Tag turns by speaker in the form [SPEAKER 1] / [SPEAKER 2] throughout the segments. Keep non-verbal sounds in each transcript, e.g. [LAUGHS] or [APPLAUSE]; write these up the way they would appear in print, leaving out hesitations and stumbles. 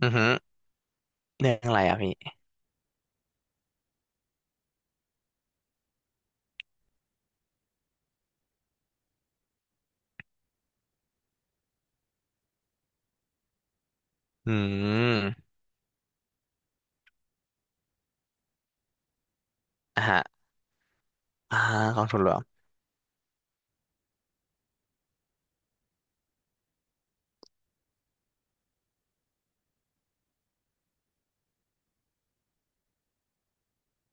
[SPEAKER 1] อือฮึเรื่องอะไรอ่ะพี่อืมอ่ะฮะอ่ากองทุนรวม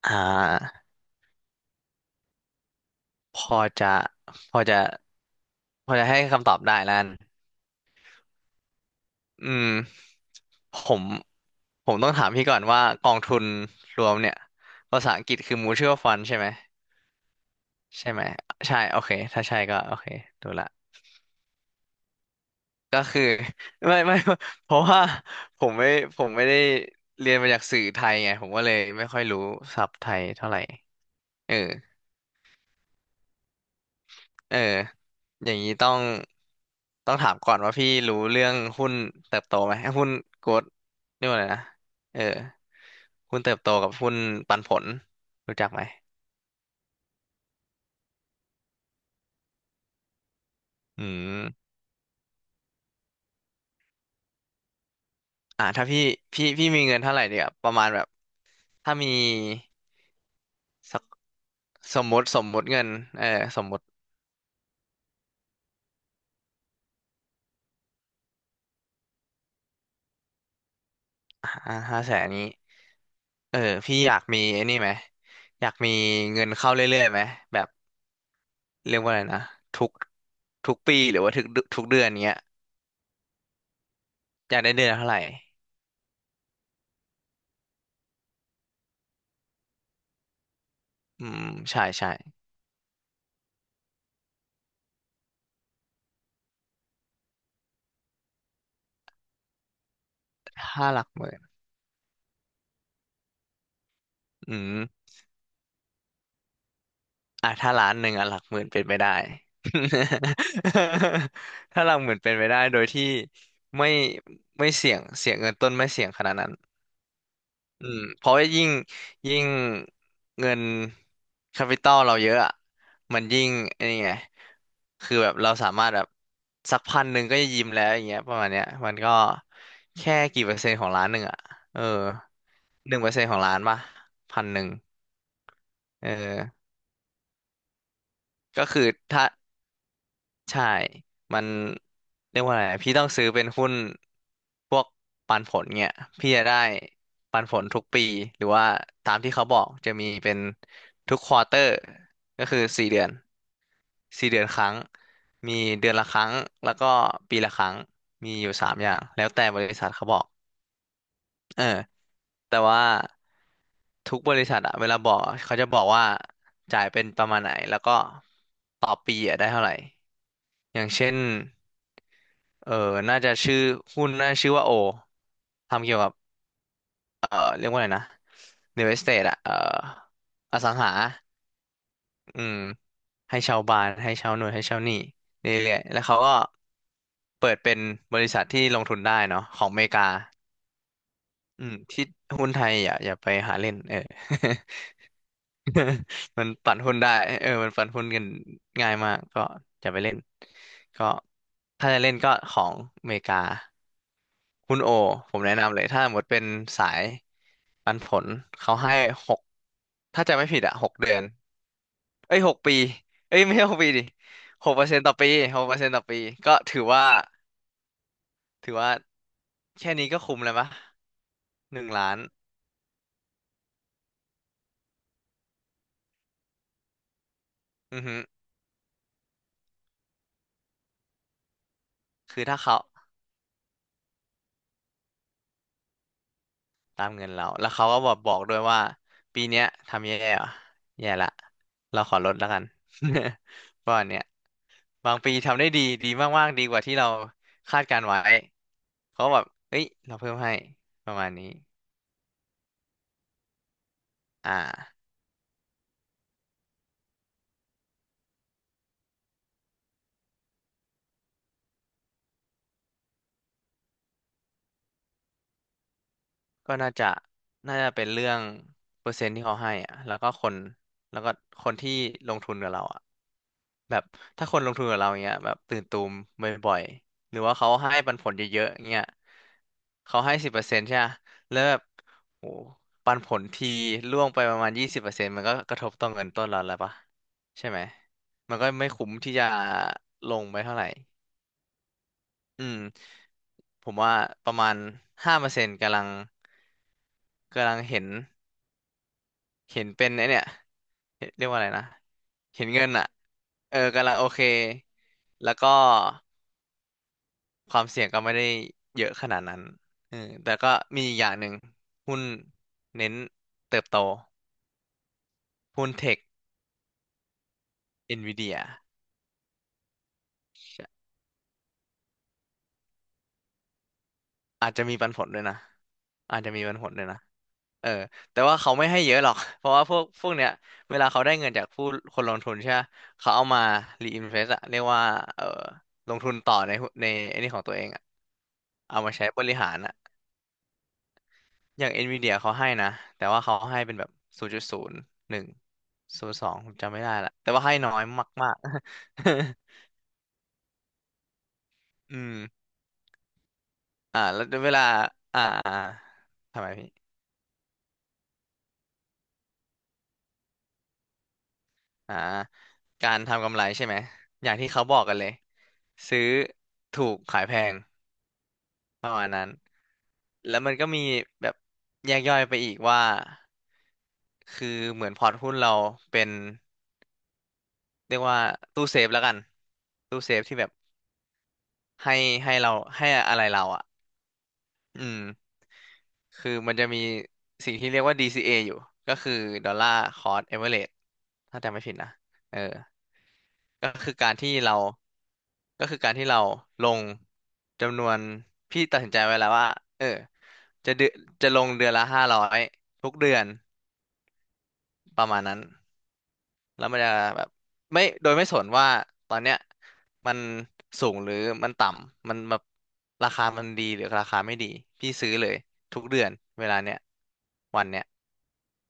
[SPEAKER 1] อ่าพอจะพอจะพอจะให้คำตอบได้แล้วกันอืมผมผมต้องถามพี่ก่อนว่ากองทุนรวมเนี่ยภาษาอังกฤษคือ mutual fund ใช่ไหมใช่โอเคถ้าใช่ก็โอเคดูละก็คือ [LAUGHS] ไม่ไม่ [LAUGHS] เพราะว่าผมไม่ผมไม่ได้เรียนมาจากสื่อไทยไงผมก็เลยไม่ค่อยรู้ศัพท์ไทยเท่าไหร่เออ เอออย่างนี้ต้องถามก่อนว่าพี่รู้เรื่องหุ้นเติบโตไหมหุ้นโกลดเรียกว่าอะไรนะเออหุ้นเติบโตกับหุ้นปันผลรู้จักไหมอืมถ้าพี่มีเงินเท่าไหร่เดียวประมาณแบบถ้ามีสักสมมติเงินเออสมมติ500,000นี้เออพี่อยากมีไอ้นี่ไหมอยากมีเงินเข้าเรื่อยๆไหมแบบ เรียกว่าอะไรนะทุกทุกปีหรือว่าทุกเดือนเนี้ยอยากได้เดือนละเท่าไหร่อืมใช่ใช่ถ้าหลักหมื่นอืมอ่ะถ้าล้านหนึ่งอ่ะหลักหมื่นเป็นไปได้ [LAUGHS] ถ้าหลักหมื่นเป็นไปได้โดยที่ไม่ไม่เสี่ยงเงินต้นไม่เสี่ยงขนาดนั้น อืมเพราะว่ายิ่งเงินแคปิตอลเราเยอะอะมันยิ่งไอ้นี่ไงคือแบบเราสามารถแบบสักพันหนึ่งก็จะยิ้มแล้วอย่างเงี้ยประมาณเนี้ยมันก็แค่กี่เปอร์เซ็นต์ของล้านหนึ่งอะเออ1%ของล้านป่ะพันหนึ่งเออก็คือถ้า ใช่มันเรียกว่าอะไรอะพี่ต้องซื้อเป็นหุ้นพวกปันผลเนี่ยพี่จะได้ปันผลทุกปีหรือว่าตามที่เขาบอกจะมีเป็นทุกควอเตอร์ก็คือสี่เดือนสี่เดือนครั้งมีเดือนละครั้งแล้วก็ปีละครั้งมีอยู่สามอย่างแล้วแต่บริษัทเขาบอกเออแต่ว่าทุกบริษัทอะเวลาบอกอะเขาจะบอกว่าจ่ายเป็นประมาณไหนแล้วก็ต่อปีอะได้เท่าไหร่อย่างเช่น เออน่าจะชื่อหุ้นน่าจะชื่อว่าโอทำเกี่ยวกับเออเรียกว่าอะไรนะ real estate อะเอออสังหาอืมให้ชาวบ้านให้ชาวหน่วยให้ชาวหนี้เรื่อยๆแล้วเขาก็เปิดเป็นบริษัทที่ลงทุนได้เนาะของอเมริกาอืมที่หุ้นไทยอย่าไปหาเล่นเออ [LAUGHS] มันปั่นหุ้นได้เออมันปั่นหุ้นกันง่ายมากก็อย่าไปเล่นก็ถ้าจะเล่นก็ของอเมริกา คุณโอผมแนะนำเลยถ้าหมดเป็นสายปันผลเขาให้หกถ้าจะไม่ผิดอะหกเดือนเอ้ยหกปีเอ้ยไม่ใช่หกปีดิหกเปอร์เซ็นต์ต่อปีหกเปอร์เซ็นต์ต่อปีก็ถือว่าถือว่าแค่นี้ก็คุ้มแล้วปะ1,000,000อือฮึคือถ้าเขา ตามเงินเรา แล้วเขาก็บอกด้วยว่าปีเนี้ยทำแย่ว่ะแย่ละ เราขอลดแล้วกัน [LAUGHS] เพราะมาณเนี้ยบางปีทำได้ดีดีมากๆดีกว่าที่เราคาดการไว้เขาก็แบบเฮ้ยเราเพิ่มให้ประมาณนี้อ่าก็น่าจะเป็นเรื่องเปอร์เซ็นต์ที่เขาให้อ่ะแล้วก็คนแล้วก็ที่ลงทุนกับเราอ่ะ แบบถ้าคนลงทุนกับเราเงี้ยแบบตื่นตูมบ่อยๆหรือว่าเขาให้ปันผลเยอะๆเงี้ยเขาให้สิบเปอร์เซ็นต์ใช่ไหมแล้วแบบโหปันผลทีร่วงไปประมาณ20%มันก็กระทบต่อเงินต้นเราแล้วปะใช่ไหมมันก็ไม่คุ้มที่จะลงไปเท่าไหร่อืมผมว่าประมาณ5%กำลังเห็น เห็นเป็นไอเนี่ยเรียกว่าอะไรนะ เห็นเงินอ่ะ เออกำลังโอเค แล้วก็ความเสี่ยงก็ไม่ได้เยอะขนาดนั้นเออแต่ก็มีอีกอย่างหนึ่งหุ้นเน้นเติบโต หุ้นเทคเอ็นวีเดีย อาจจะมีปันผลด้วยนะอาจจะมีปันผลด้วยนะเออแต่ว่าเขาไม่ให้เยอะหรอก [LAUGHS] เพราะว่าพวกเนี้ยเวลาเขาได้เงินจากคนลงทุนใช่ปะเขาเอามารีอินเวสอะเรียกว่าเออลงทุนต่อในหุ้นในไอ้นี่ของตัวเองอะเอามาใช้บริหารอะอย่างเอ็นวีเดียเขาให้นะแต่ว่าเขาให้เป็นแบบ0.010.02ผมจำไม่ได้ละแต่ว่าให้น้อยมากๆ [LAUGHS] อืมแล้วเวลาอ่าอ่าทำไมพี่ อ่าการทำกำไรใช่ไหม อย่างที่เขาบอกกันเลย ซื้อถูกขายแพง แล้วมันก็มีแบบแยกย่อยไปอีกว่า คือเหมือนพอร์ตหุ้นเราเป็นเรียกว่าตู้เซฟแล้วกัน ตู้เซฟที่แบบให้ให้เราให้อะไรเราอ่ะอืมคือมันจะมีสิ่งที่เรียกว่า DCA ออยู่ ก็คือดอลลาร์คเอเวอเรจถ้าจำไม่ผิดนะเออ ก็คือการที่เราก็คือการที่เราลงจำนวนพี่ตัดสินใจไว้แล้วว่าเออจะเดือนจะลงเดือนละห้าร้อยทุกเดือนประมาณนั้น แล้วมันจะแบบไม่โดยไม่สนว่าตอนเนี้ยมันสูงหรือมันต่ำมันแบบราคามันดีหรือราคาไม่ดีพี่ซื้อเลยทุกเดือนเวลาเนี้ยวันเนี้ย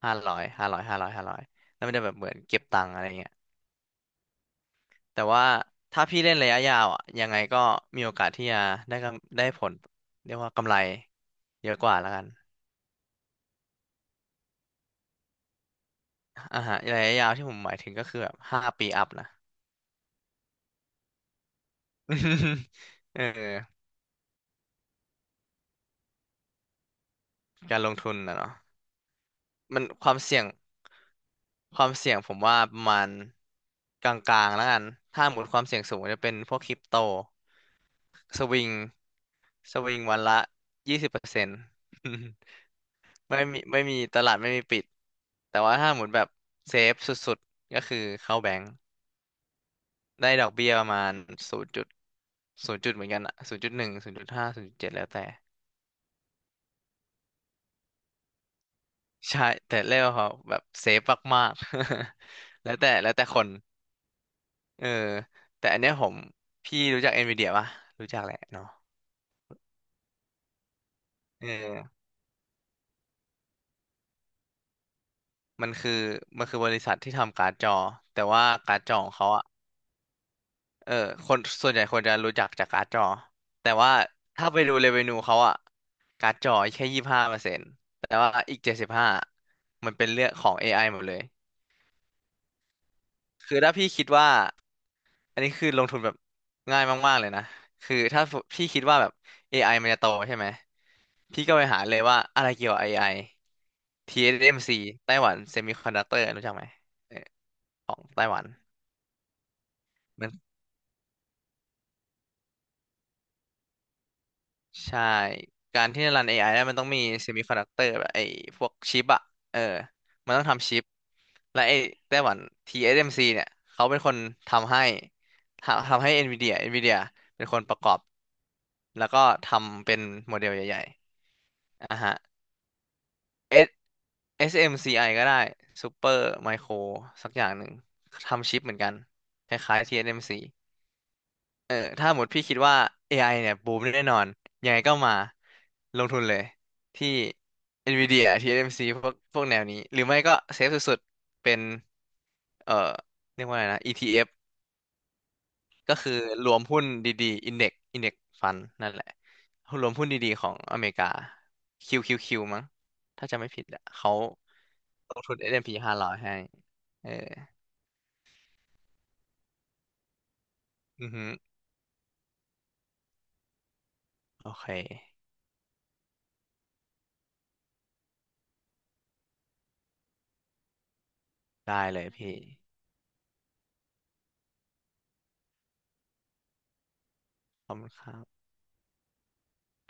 [SPEAKER 1] 500 500 500 500แล้วมันจะแบบเหมือนเก็บตังค์อะไรเงี้ย แต่ว่าถ้าพี่เล่นระยะยาวอ่ะยังไงก็มีโอกาสที่จะได้กำได้ผลเรียกว่ากำไรเยอะกว่าแล้วกันอ่าฮะระยะยาวที่ผมหมายถึงก็คือแบบ5 ปีอัพนะ [LAUGHS] เออการลงทุนนะเนาะมันความเสี่ยงความเสี่ยงผมว่าประมาณกลางๆแล้วกันถ้าหมดความเสี่ยงสูงจะเป็นพวกคริปโตสวิงสวิงวันละ20% [LAUGHS] ไม่มีตลาดไม่มีปิดแต่ว่าถ้าหมุนแบบเซฟสุดๆก็คือเข้าแบงก์ได้ดอกเบี้ยประมาณศูนย์จุดศูนย์จุดเหมือนกันอะศูนย์จุดหนึ่งศูนย์จุดห้าศูนย์จุดเจ็ดแล้วแต่ใช่แต่เรียกว่าเขาแบบเซฟมากๆ [LAUGHS] แล้วแต่คนเออแต่อันเนี้ยพี่รู้จักเอ็นวีดีปะรู้จักแหละเนาะเออมันคือมันคือบริษัทที่ทำการ์ดจอแต่ว่าการ์ดจอของเขาอะ เออคนส่วนใหญ่คนจะรู้จักจากการ์ดจอแต่ว่าถ้าไปดูเรเวนูเขาอะการ์ดจอแค่25%แต่ว่าอีก75มันเป็นเรื่องของ AI หมดเลยคือถ้าพี่คิดว่าอันนี้คือลงทุนแบบง่ายมากๆเลยนะคือถ้าพี่คิดว่าแบบ AI มันจะโตใช่ไหมพี่ก็ไปหาเลยว่าอะไรเกี่ยวกับ AI t ม m c ไต้หวันเซมิคอนดักเตอร์รู้จักไหมเออของไต้หวันมัน ใช่การที่จะรัน AI ได้มันต้องมี semiconductor แบบไอ้พวกชิปอะ เออ มันต้องทำชิปและไอ้ไต้หวัน TSMC เอสเอ็มซีเนี่ยเขาเป็นคนทำให้ทำให้ NVIDIA เป็นคนประกอบ แล้วก็ทำเป็นโมเดลใหญ่ๆอ่ะฮะ S SMCI ก็ได้ Super Micro สักอย่างหนึ่งทำชิปเหมือนกันคล้ายๆ TSMC เออถ้าหมดพี่คิดว่า AI เนี่ยบูมแน่นอนยังไงก็มาลงทุนเลยที่ NVIDIA TSMC พวกแนวนี้หรือไม่ก็เซฟสุดๆเป็นเอ่อเรียกว่าอะไรนะ ETF ก็คือรวมหุ้นดีๆ Index Fund นั่นแหละรวมหุ้นดีๆของอเมริกา QQQ มั้งถ้าจะไม่ผิดอะเขาลงทุน s ร้อยให้เอออือฮึโอเคได้เลยพี่ขอบคุณครับ